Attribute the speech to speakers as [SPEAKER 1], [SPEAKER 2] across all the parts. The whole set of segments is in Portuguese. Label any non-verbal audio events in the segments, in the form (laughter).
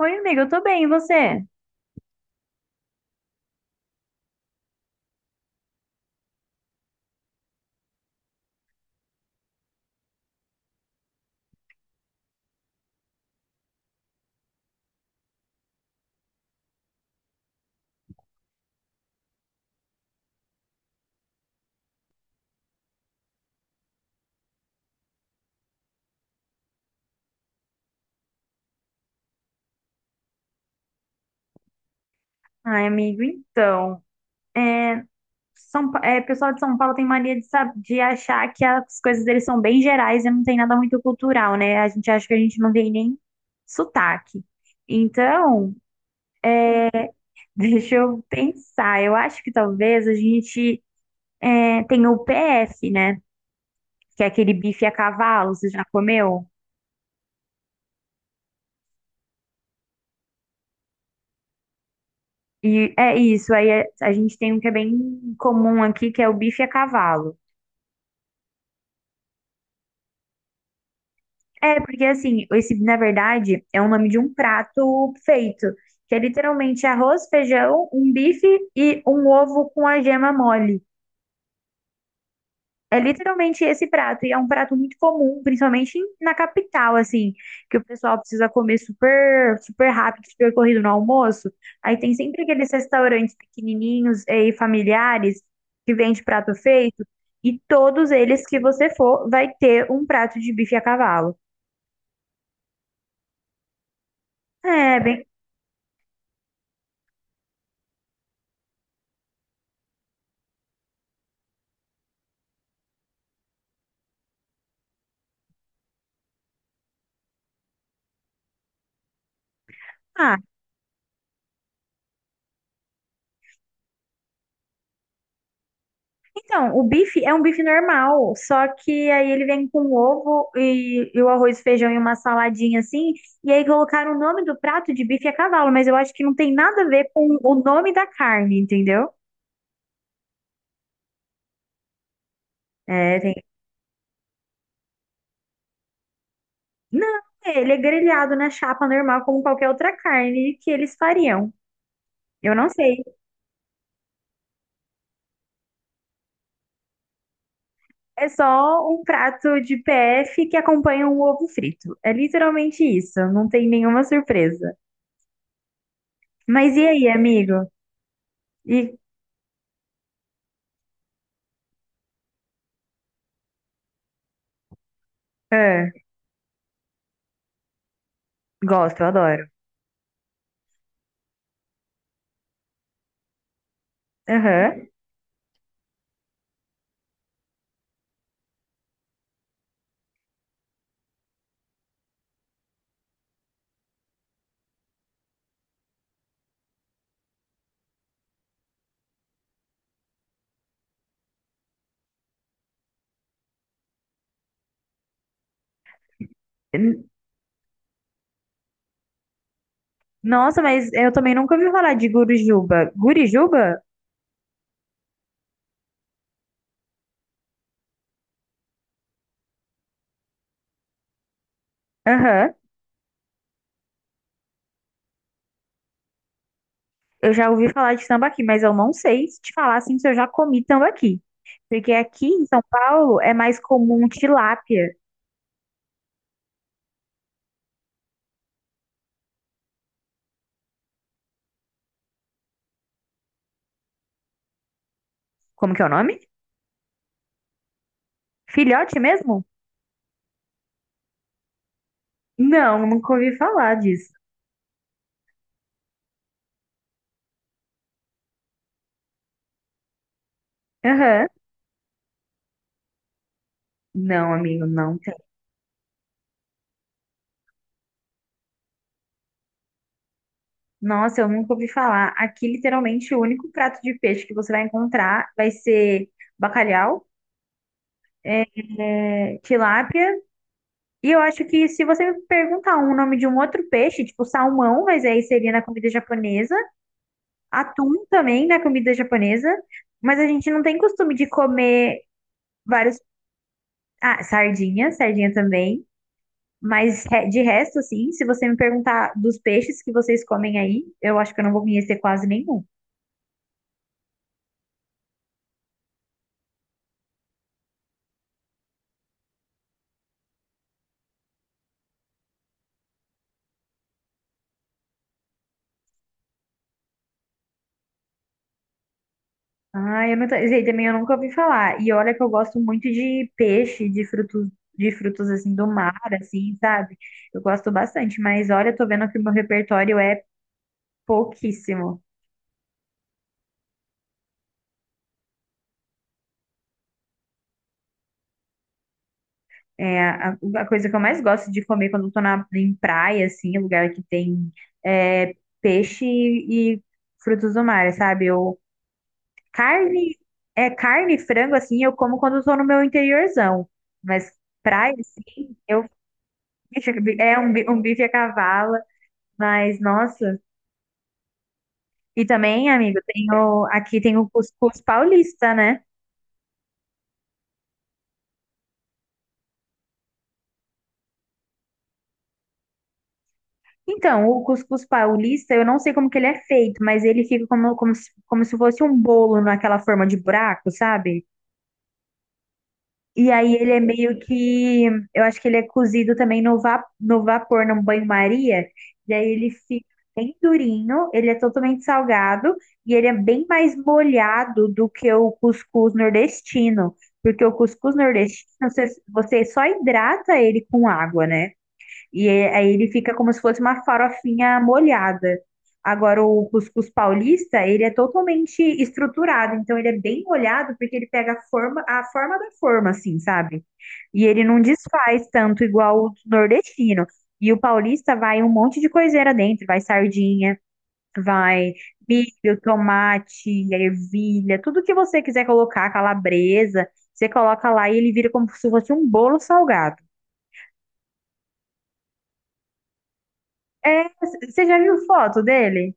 [SPEAKER 1] Oi, amiga, eu tô bem, e você? Ai, amigo, então. Pessoal de São Paulo tem mania de, de achar que as coisas deles são bem gerais e não tem nada muito cultural, né? A gente acha que a gente não tem nem sotaque. Então, (laughs) deixa eu pensar. Eu acho que talvez a gente tenha o PF, né? Que é aquele bife a cavalo, você já comeu? E é isso, a gente tem um que é bem comum aqui, que é o bife a cavalo. É, porque assim, esse, na verdade, é o nome de um prato feito, que é literalmente arroz, feijão, um bife e um ovo com a gema mole. É literalmente esse prato, e é um prato muito comum, principalmente na capital, assim, que o pessoal precisa comer super, super rápido, super corrido no almoço. Aí tem sempre aqueles restaurantes pequenininhos e familiares que vende prato feito, e todos eles que você for vai ter um prato de bife a cavalo. É, bem. ah, Então, o bife é um bife normal, só que aí ele vem com ovo e o arroz, feijão e uma saladinha assim. E aí colocaram o nome do prato de bife a cavalo, mas eu acho que não tem nada a ver com o nome da carne, entendeu? É, tem... Não, ele é grelhado na chapa normal, como qualquer outra carne que eles fariam. Eu não sei. É só um prato de PF que acompanha um ovo frito. É literalmente isso, não tem nenhuma surpresa. Mas e aí, amigo? E, ah, Gosto, eu adoro. Aham. N- Nossa, mas eu também nunca ouvi falar de Gurujuba. Gurijuba? Aham. Eu já ouvi falar de tambaqui, mas eu não sei se te falar assim se eu já comi tambaqui. Porque aqui em São Paulo é mais comum tilápia. Como que é o nome? Filhote mesmo? Não, nunca ouvi falar disso. Aham. Não, amigo, não tem. Nossa, eu nunca ouvi falar. Aqui, literalmente, o único prato de peixe que você vai encontrar vai ser bacalhau, é, é, tilápia. E eu acho que se você me perguntar um nome de um outro peixe, tipo salmão, mas aí seria na comida japonesa, atum também na comida japonesa, mas a gente não tem costume de comer vários. Ah, sardinha, sardinha também. Mas de resto, assim, se você me perguntar dos peixes que vocês comem aí, eu acho que eu não vou conhecer quase nenhum. Ah, eu não tô- esse aí também eu nunca ouvi falar. E olha que eu gosto muito de peixe, de frutos assim do mar, assim, sabe? Eu gosto bastante, mas olha, eu tô vendo que o meu repertório é pouquíssimo. É a coisa que eu mais gosto de comer quando eu tô em praia, assim, lugar que tem é, peixe e frutos do mar, sabe? Carne, é carne, e frango, assim, eu como quando eu tô no meu interiorzão. Mas praia, assim, eu, bicho, é um, bi- um bife a cavalo, mas nossa. E também, amigo, aqui tem o cuscuz paulista, né? Então, o cuscuz paulista, eu não sei como que ele é feito, mas ele fica como se fosse um bolo naquela forma de buraco, sabe? E aí ele é meio que, eu acho que ele é cozido também no vapor, num banho-maria, e aí ele fica bem durinho, ele é totalmente salgado, e ele é bem mais molhado do que o cuscuz nordestino, porque o cuscuz nordestino, você só hidrata ele com água, né? Aí ele fica como se fosse uma farofinha molhada. Agora, o cuscuz paulista, ele é totalmente estruturado, então ele é bem molhado porque ele pega a forma da forma, assim, sabe? E ele não desfaz tanto igual o nordestino. E o paulista vai um monte de coiseira dentro, vai sardinha, vai milho, tomate, ervilha, tudo que você quiser colocar, calabresa, você coloca lá e ele vira como se fosse um bolo salgado. É, você já viu foto dele?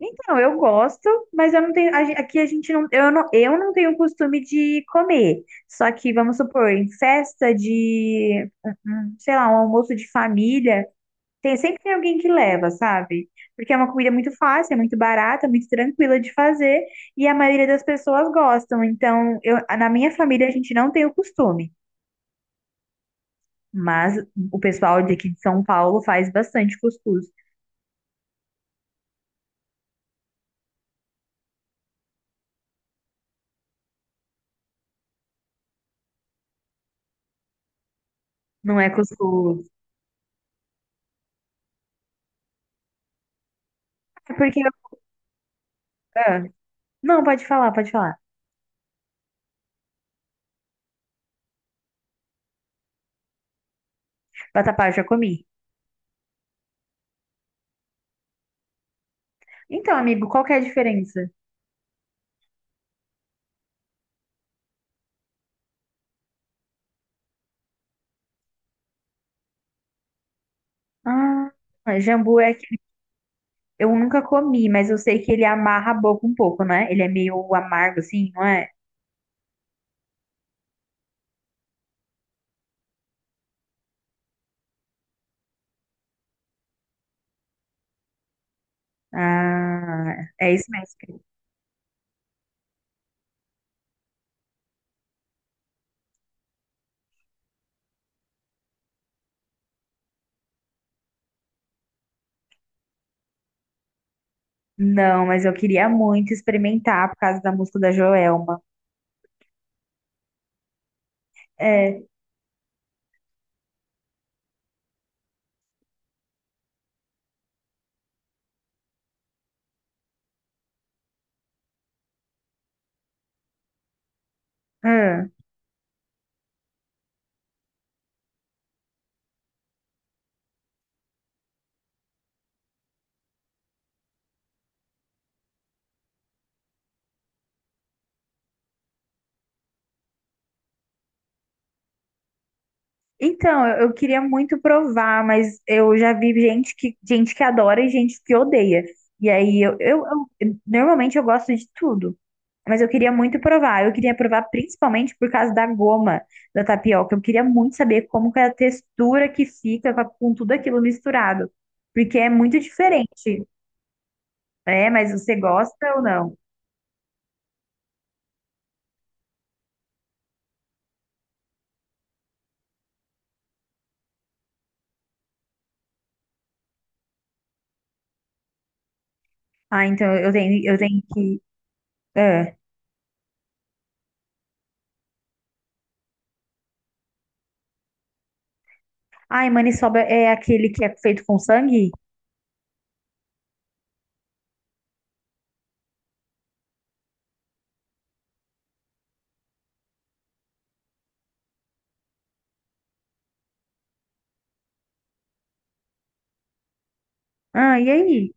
[SPEAKER 1] Então, eu gosto, mas eu não tenho. A gen- aqui a gente não. Eu não tenho o costume de comer. Só que, vamos supor, em festa de. Um- um, sei lá, um almoço de família, sempre tem alguém que leva, sabe? Porque é uma comida muito fácil, é muito barata, é muito tranquila de fazer. E a maioria das pessoas gostam. Então, eu, na minha família, a gente não tem o costume. Mas o pessoal daqui de São Paulo faz bastante cuscuz. Não é cuscuz. É porque. ah, Não, pode falar, pode falar. Vatapá, já comi. Então, amigo, qual que é a diferença? Ah, jambu é que eu nunca comi, mas eu sei que ele amarra a boca um pouco, né? Ele é meio amargo, assim, não é? Ah, é isso mesmo. Não, mas eu queria muito experimentar por causa da música da Joelma. É. ah. Então, eu queria muito provar, mas eu já vi gente que adora e gente que odeia. E aí, eu- Normalmente eu gosto de tudo. Mas eu queria muito provar. Eu queria provar principalmente por causa da goma da tapioca. Eu queria muito saber como que é a textura que fica com tudo aquilo misturado. Porque é muito diferente. É, mas você gosta ou não? Ah, então eu tenho que. É. Ai, maniçoba é aquele que é feito com sangue? Ah, e aí?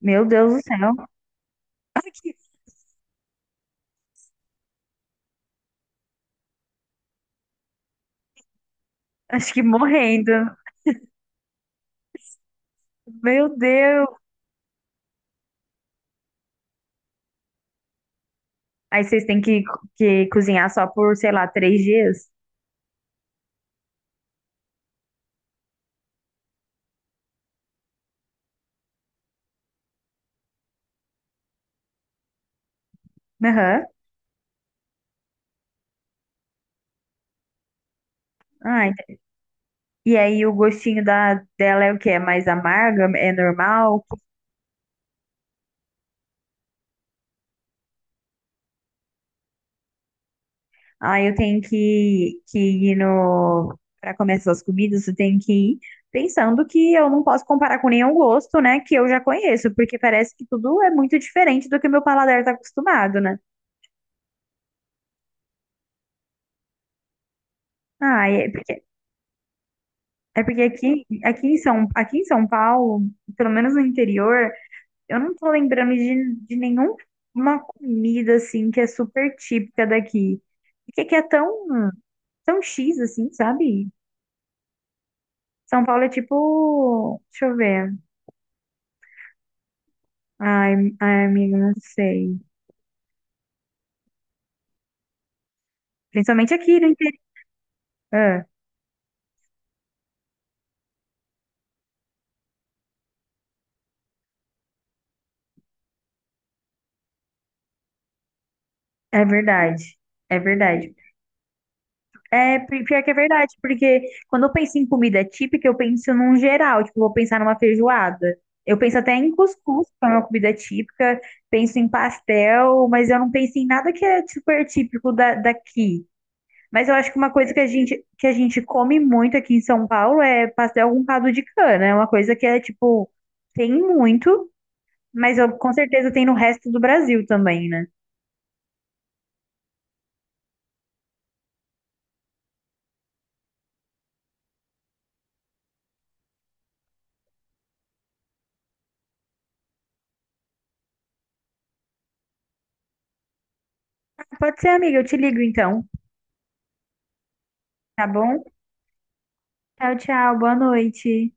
[SPEAKER 1] Meu Deus do céu. (laughs) Ai, que- Acho que morrendo. Meu Deus. Aí vocês têm que cozinhar só por, sei lá, três dias? Aham. Ai. E aí o gostinho dela é o que? É mais amarga? É normal? Aí eu tenho que ir no. Para comer essas comidas, eu tenho que ir pensando que eu não posso comparar com nenhum gosto, né? Que eu já conheço, porque parece que tudo é muito diferente do que meu paladar está acostumado, né? Ah, é porque, é porque aqui em São Paulo, pelo menos no interior, eu não tô lembrando de nenhuma comida assim que é super típica daqui. Porque que é tão são X, assim, sabe? São Paulo é tipo. Deixa eu ver. Ai, ai, amiga, não sei. Principalmente aqui no interior. Ah, é verdade. É verdade. É, pior que é verdade, porque quando eu penso em comida típica, eu penso num geral, tipo, eu vou pensar numa feijoada. Eu penso até em cuscuz, que é uma comida típica, penso em pastel, mas eu não penso em nada que é super típico daqui. Mas eu acho que uma coisa que a gente come muito aqui em São Paulo é pastel com caldo de cana. É uma coisa que é, tipo, tem muito, mas eu, com certeza tem no resto do Brasil também, né? Pode ser, amiga, eu te ligo então, tá bom? Tchau, tchau, boa noite.